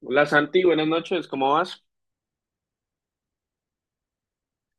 Hola Santi, buenas noches, ¿cómo vas?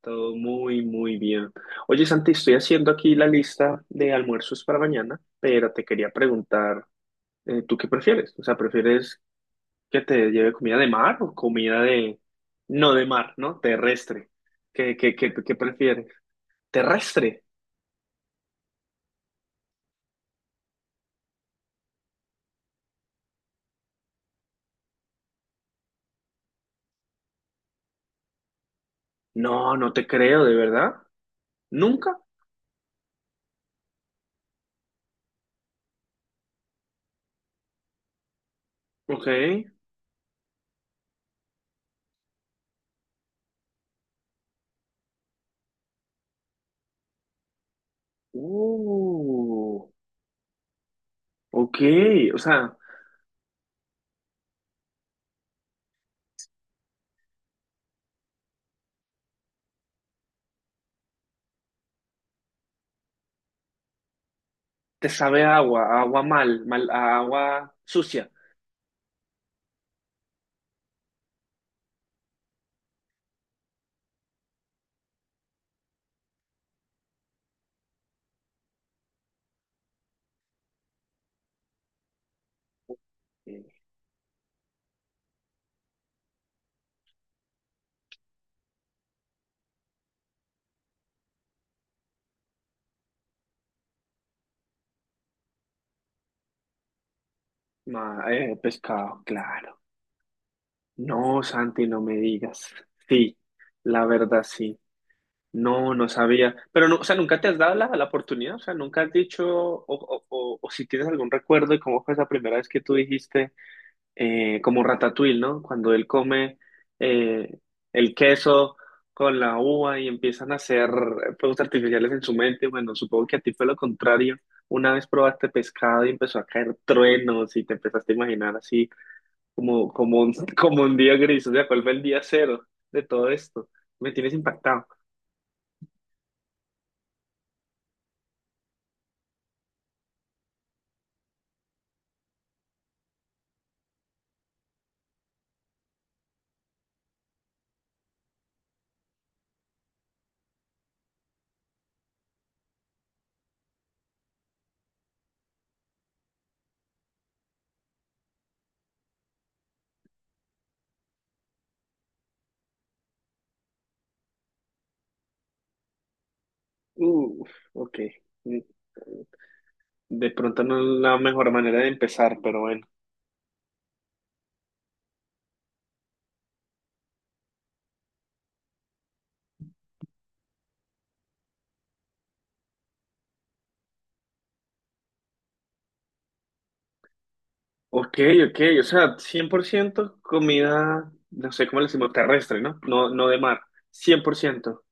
Todo muy, muy bien. Oye Santi, estoy haciendo aquí la lista de almuerzos para mañana, pero te quería preguntar, ¿tú qué prefieres? O sea, ¿prefieres que te lleve comida de mar o comida de... no de mar, ¿no? Terrestre. ¿Qué prefieres? ¿Terrestre? No te creo, ¿de verdad? ¿Nunca? Ok. Uh, ok, o sea, te sabe a agua mal, mal, a agua sucia. Eh, pescado, claro. No, Santi, no me digas. Sí, la verdad sí. No, no sabía. Pero no, o sea, nunca te has dado la oportunidad, o sea, nunca has dicho, o si tienes algún recuerdo de cómo fue esa primera vez que tú dijiste. Como Ratatouille, ¿no? Cuando él come eh, el queso con la uva y empiezan a hacer fuegos artificiales en su mente. Bueno, supongo que a ti fue lo contrario. Una vez probaste pescado y empezó a caer truenos y te empezaste a imaginar así como un, como un día gris. O sea, ¿cuál fue el día cero de todo esto? Me tienes impactado. Uf, ok. Mm, de pronto no es la mejor manera de empezar, pero bueno. Ok, ok, o sea, 100% comida, no sé cómo le decimos, terrestre, ¿no? No, no de mar, 100%.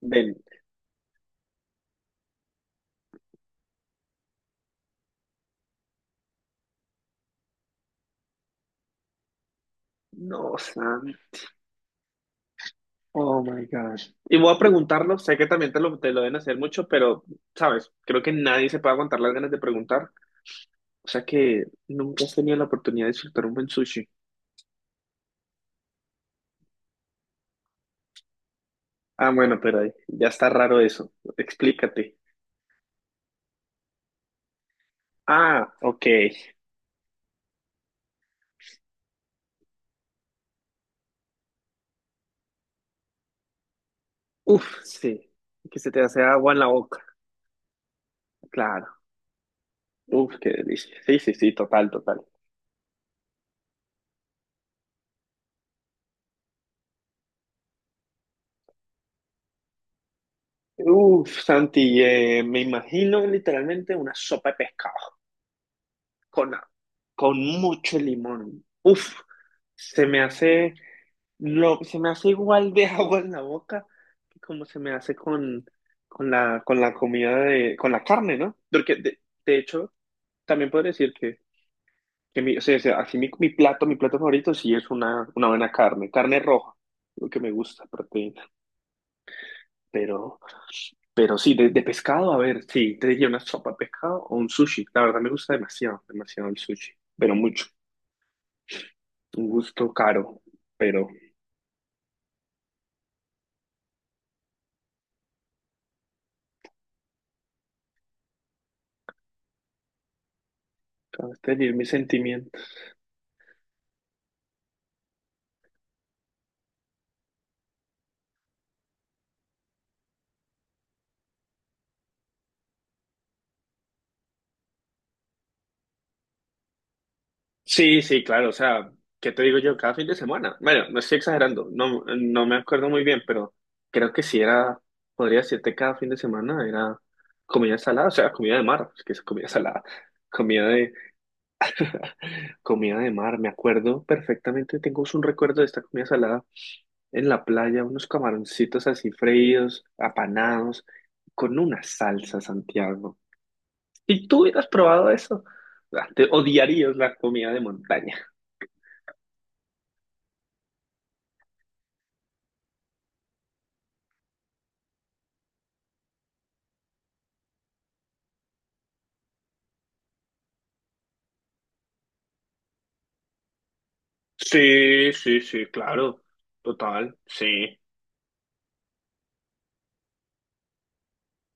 Del... No, Sam, oh my gosh. Y voy a preguntarlo, sé que también te lo deben hacer mucho, pero, sabes, creo que nadie se puede aguantar las ganas de preguntar, o sea que nunca has tenido la oportunidad de disfrutar un buen sushi. Ah, bueno, pero ahí ya está raro eso, explícate. Ah, ok, uf, sí, que se te hace agua en la boca, claro. Uf, qué delicia. Sí, sí, sí, total, total. Uf, Santi, me imagino literalmente una sopa de pescado con, a- con mucho limón. Uf, se me hace se me hace igual de agua en la boca que como se me hace con con la comida con la carne, ¿no? Porque de hecho, también puedo decir que mi, así mi plato favorito sí es una buena carne, carne roja, lo que me gusta, proteína. Pero, pero sí, de pescado, a ver, sí, te diría una sopa de pescado o un sushi. La verdad me gusta demasiado, demasiado el sushi, pero mucho. Un gusto caro, pero acabas de herir mis sentimientos. Sí, sí, claro, o sea, ¿qué te digo yo? Cada fin de semana. Bueno, no estoy exagerando, no, no me acuerdo muy bien, pero creo que sí era, podría decirte cada fin de semana era comida salada, o sea, comida de mar, es que es comida salada, comida de, comida de mar, me acuerdo perfectamente, tengo un recuerdo de esta comida salada en la playa unos camaroncitos así freídos, apanados, con una salsa, Santiago. Si tú hubieras probado eso, ah, te odiarías la comida de montaña. Sí, sí, sí, claro, total, sí.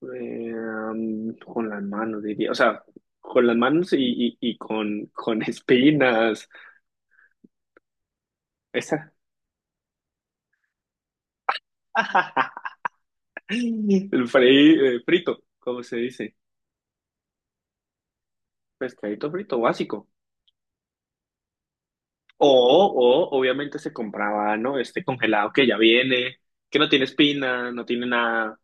Con las manos, diría, o sea, con las manos y con espinas. Esa. Frito, como se dice? Pescadito frito básico. O obviamente se compraba, ¿no? Este congelado que ya viene, que no tiene espina, no tiene nada.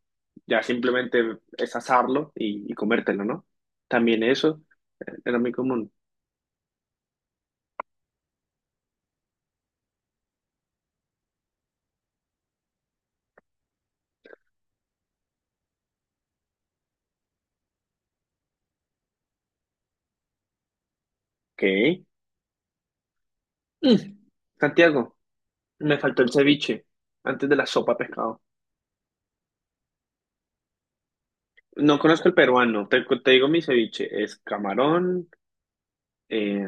Ya simplemente es asarlo y comértelo, ¿no? También eso era muy común. ¿Qué? Mm. Santiago, me faltó el ceviche antes de la sopa de pescado. No conozco el peruano, te digo mi ceviche, es camarón, eh,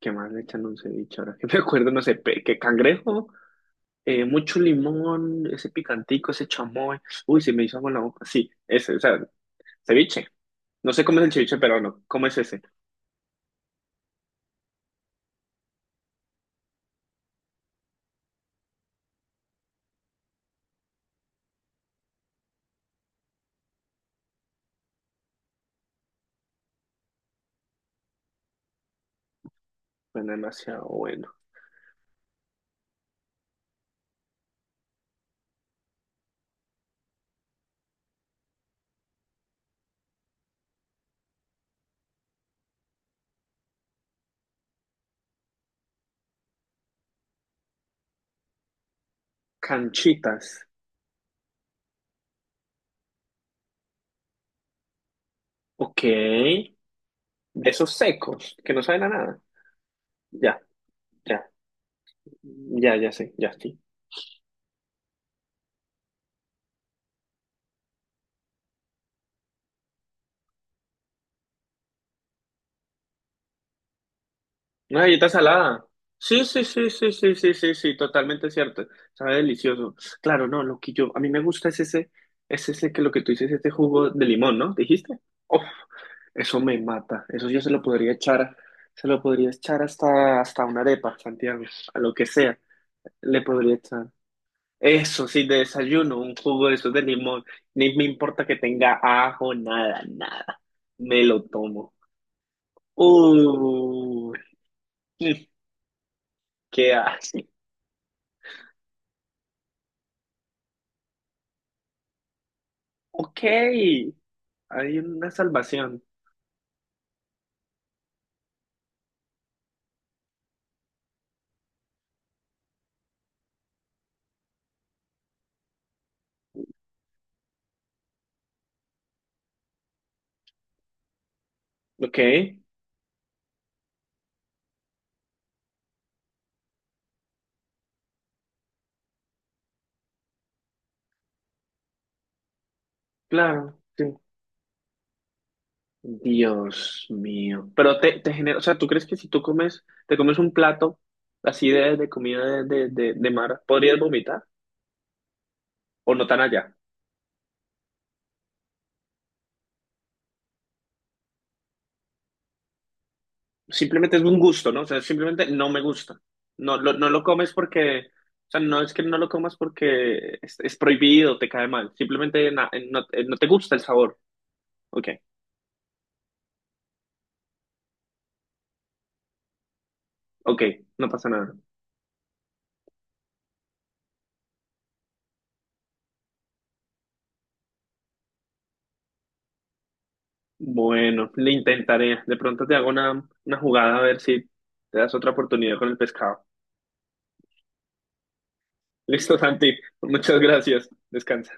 ¿qué más le echan a un ceviche? Ahora que me acuerdo, no sé, ¿qué cangrejo? Mucho limón, ese picantico, ese chamoy. Uy, se me hizo agua en la boca. Sí, ese, o sea, ceviche. No sé cómo es el ceviche peruano. ¿Cómo es ese? Bueno, demasiado bueno. Canchitas. Ok. De esos secos, que no saben a nada. Ya, ya, ya, ya sé, ya sí. Una galleta salada. Sí, sí, sí, sí, sí, sí, sí, sí, totalmente cierto. Sabe delicioso. Claro, no, lo que yo, a mí me gusta es ese que lo que tú dices, este jugo de limón, ¿no? ¿Dijiste? Eso me mata. Eso yo se lo podría echar, se lo podría echar hasta, hasta una arepa, Santiago, a lo que sea. Le podría echar. Eso sí, de desayuno, un jugo de esos de limón. Ni me importa que tenga ajo, nada, nada. Me lo tomo. Uy, ¿qué hace? Ok, hay una salvación. Ok, claro. Sí. Dios mío. Pero te genera, o sea, ¿tú crees que si tú comes, te comes un plato así de comida de mar, podrías vomitar? ¿O no tan allá? Simplemente es un gusto, ¿no? O sea, simplemente no me gusta. No lo comes porque, o sea, no es que no lo comas porque es prohibido, te cae mal. Simplemente no te gusta el sabor. Ok, ok, no pasa nada. Bueno, le intentaré. De pronto te hago una jugada a ver si te das otra oportunidad con el pescado. Listo, Santi. Muchas gracias. Descansa.